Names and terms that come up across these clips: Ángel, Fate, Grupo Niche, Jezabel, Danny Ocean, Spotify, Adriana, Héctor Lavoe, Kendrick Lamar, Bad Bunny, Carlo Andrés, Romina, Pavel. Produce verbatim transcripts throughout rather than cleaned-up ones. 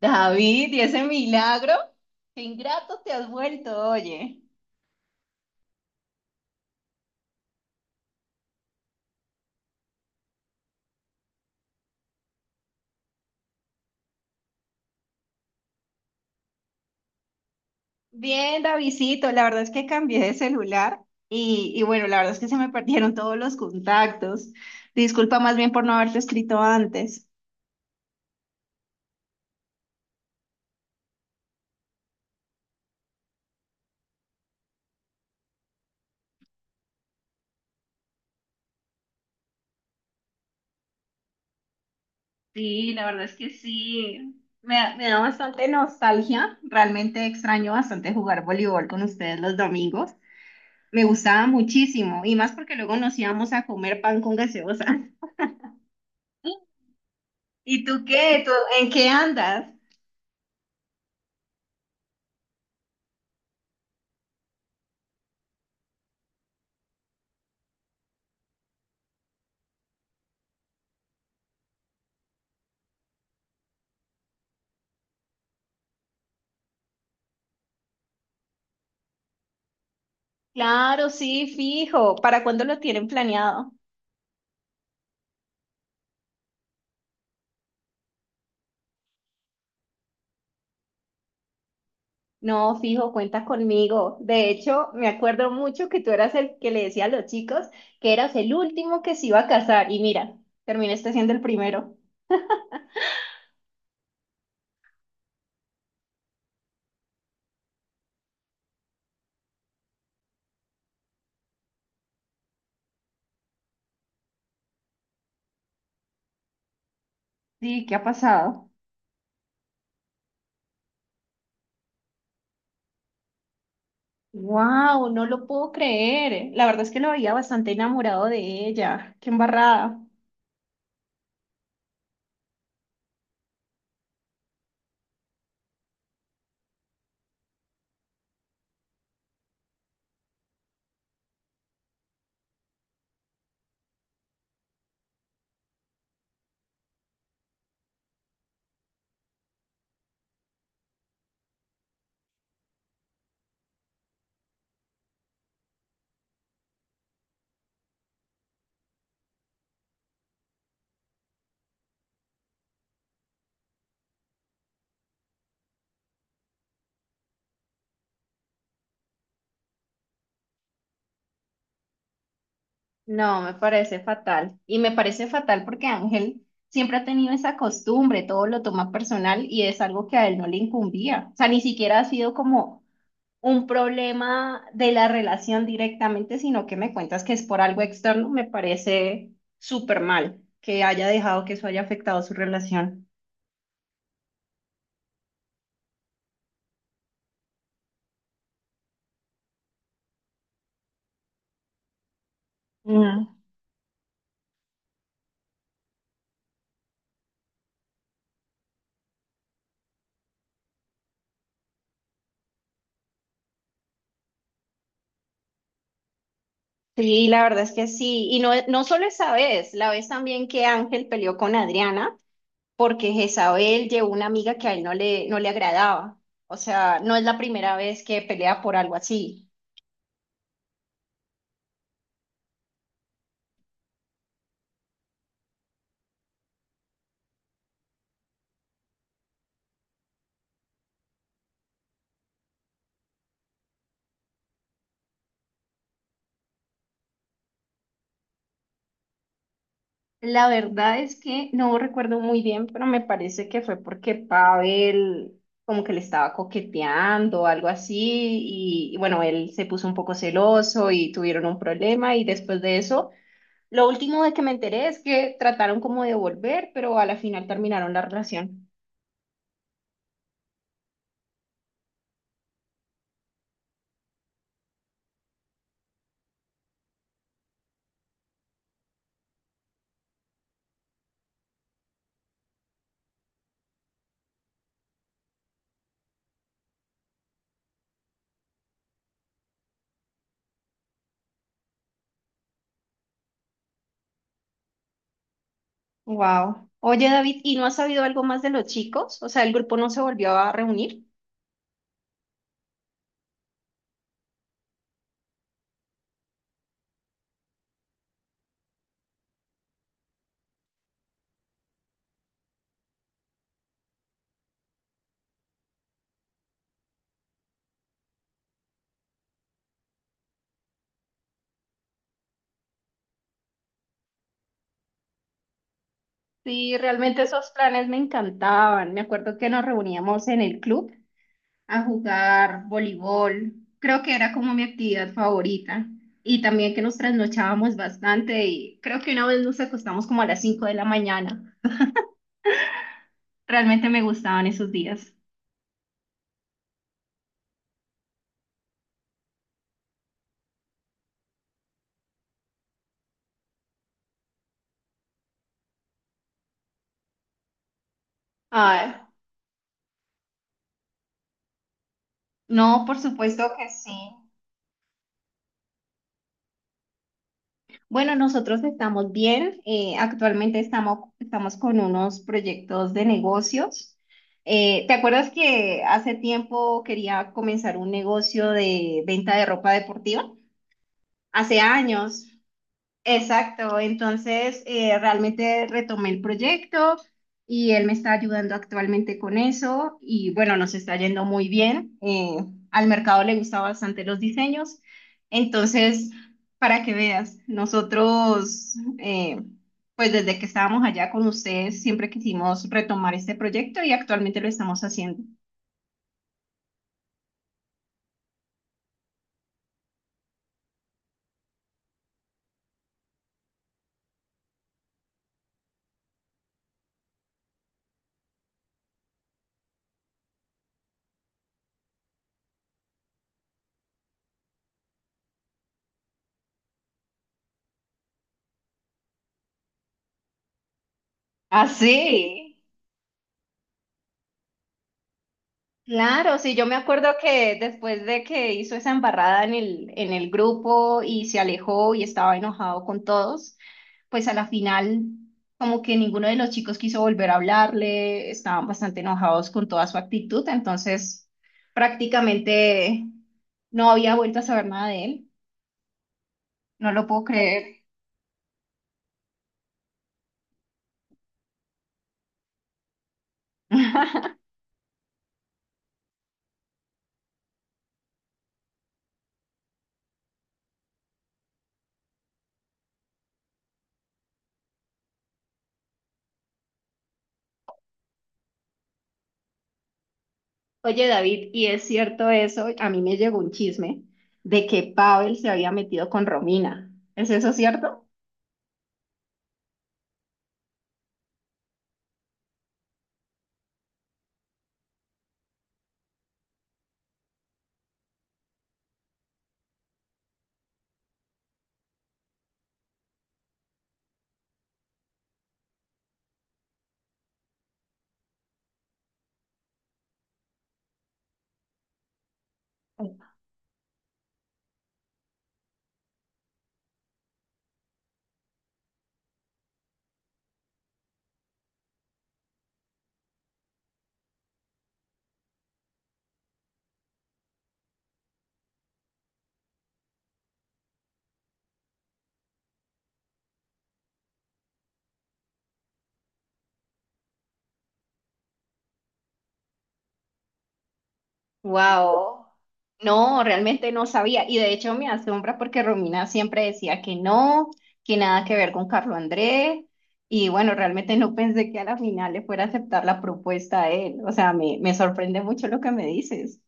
David, ¿y ese milagro? Qué ingrato te has vuelto, oye. Bien, Davidcito, la verdad es que cambié de celular y, y bueno, la verdad es que se me perdieron todos los contactos. Disculpa más bien por no haberte escrito antes. Sí, la verdad es que sí. Me, da- me da bastante nostalgia. Realmente extraño bastante jugar voleibol con ustedes los domingos. Me gustaba muchísimo y más porque luego nos íbamos a comer pan con gaseosa. ¿Y tú qué? ¿Tú en qué andas? Claro, sí, fijo. ¿Para cuándo lo tienen planeado? No, fijo, cuenta conmigo. De hecho, me acuerdo mucho que tú eras el que le decía a los chicos que eras el último que se iba a casar. Y mira, terminaste siendo el primero. Sí, ¿qué ha pasado? Wow, no lo puedo creer. La verdad es que lo veía bastante enamorado de ella. Qué embarrada. No, me parece fatal. Y me parece fatal porque Ángel siempre ha tenido esa costumbre, todo lo toma personal y es algo que a él no le incumbía. O sea, ni siquiera ha sido como un problema de la relación directamente, sino que me cuentas que es por algo externo. Me parece súper mal que haya dejado que eso haya afectado su relación. Mm. Sí, la verdad es que sí. Y no, no solo esa vez, la vez también que Ángel peleó con Adriana, porque Jezabel llevó una amiga que a él no le, no le agradaba. O sea, no es la primera vez que pelea por algo así. La verdad es que no recuerdo muy bien, pero me parece que fue porque Pavel como que le estaba coqueteando o algo así y, y bueno, él se puso un poco celoso y tuvieron un problema y después de eso, lo último de que me enteré es que trataron como de volver, pero a la final terminaron la relación. Wow. Oye, David, ¿y no has sabido algo más de los chicos? O sea, el grupo no se volvió a reunir. Sí, realmente esos planes me encantaban. Me acuerdo que nos reuníamos en el club a jugar voleibol. Creo que era como mi actividad favorita. Y también que nos trasnochábamos bastante y creo que una vez nos acostamos como a las cinco de la mañana. Realmente me gustaban esos días. Ah, no, por supuesto que sí. Bueno, nosotros estamos bien. Eh, actualmente estamos, estamos con unos proyectos de negocios. Eh, ¿te acuerdas que hace tiempo quería comenzar un negocio de venta de ropa deportiva? Hace años. Exacto, entonces eh, realmente retomé el proyecto y él me está ayudando actualmente con eso y bueno, nos está yendo muy bien. Eh, al mercado le gustan bastante los diseños, entonces para que veas, nosotros eh, pues desde que estábamos allá con ustedes siempre quisimos retomar este proyecto y actualmente lo estamos haciendo. Ah, sí. Claro, sí, yo me acuerdo que después de que hizo esa embarrada en el, en el grupo y se alejó y estaba enojado con todos, pues a la final como que ninguno de los chicos quiso volver a hablarle, estaban bastante enojados con toda su actitud, entonces prácticamente no había vuelto a saber nada de él, no lo puedo creer. Oye, David, y es cierto eso, a mí me llegó un chisme de que Pavel se había metido con Romina, ¿es eso cierto? Wow. No, realmente no sabía. Y de hecho me asombra porque Romina siempre decía que no, que nada que ver con Carlo Andrés. Y bueno, realmente no pensé que a la final le fuera a aceptar la propuesta a él. O sea, me, me sorprende mucho lo que me dices.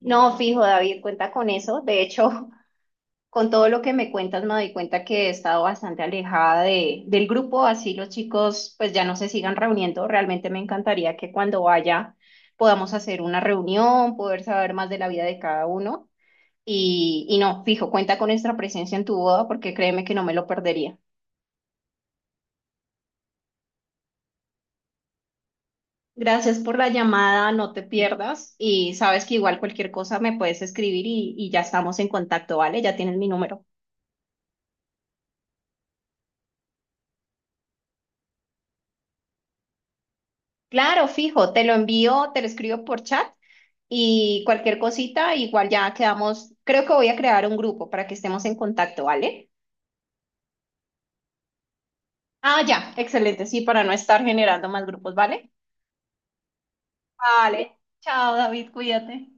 No, fijo, David, cuenta con eso. De hecho, con todo lo que me cuentas, me doy cuenta que he estado bastante alejada de, del grupo, así los chicos pues ya no se sigan reuniendo. Realmente me encantaría que cuando vaya podamos hacer una reunión, poder saber más de la vida de cada uno. Y, y no, fijo, cuenta con nuestra presencia en tu boda porque créeme que no me lo perdería. Gracias por la llamada, no te pierdas y sabes que igual cualquier cosa me puedes escribir y, y ya estamos en contacto, ¿vale? Ya tienes mi número. Claro, fijo, te lo envío, te lo escribo por chat y cualquier cosita, igual ya quedamos, creo que voy a crear un grupo para que estemos en contacto, ¿vale? Ah, ya, excelente, sí, para no estar generando más grupos, ¿vale? Vale, chao David, cuídate.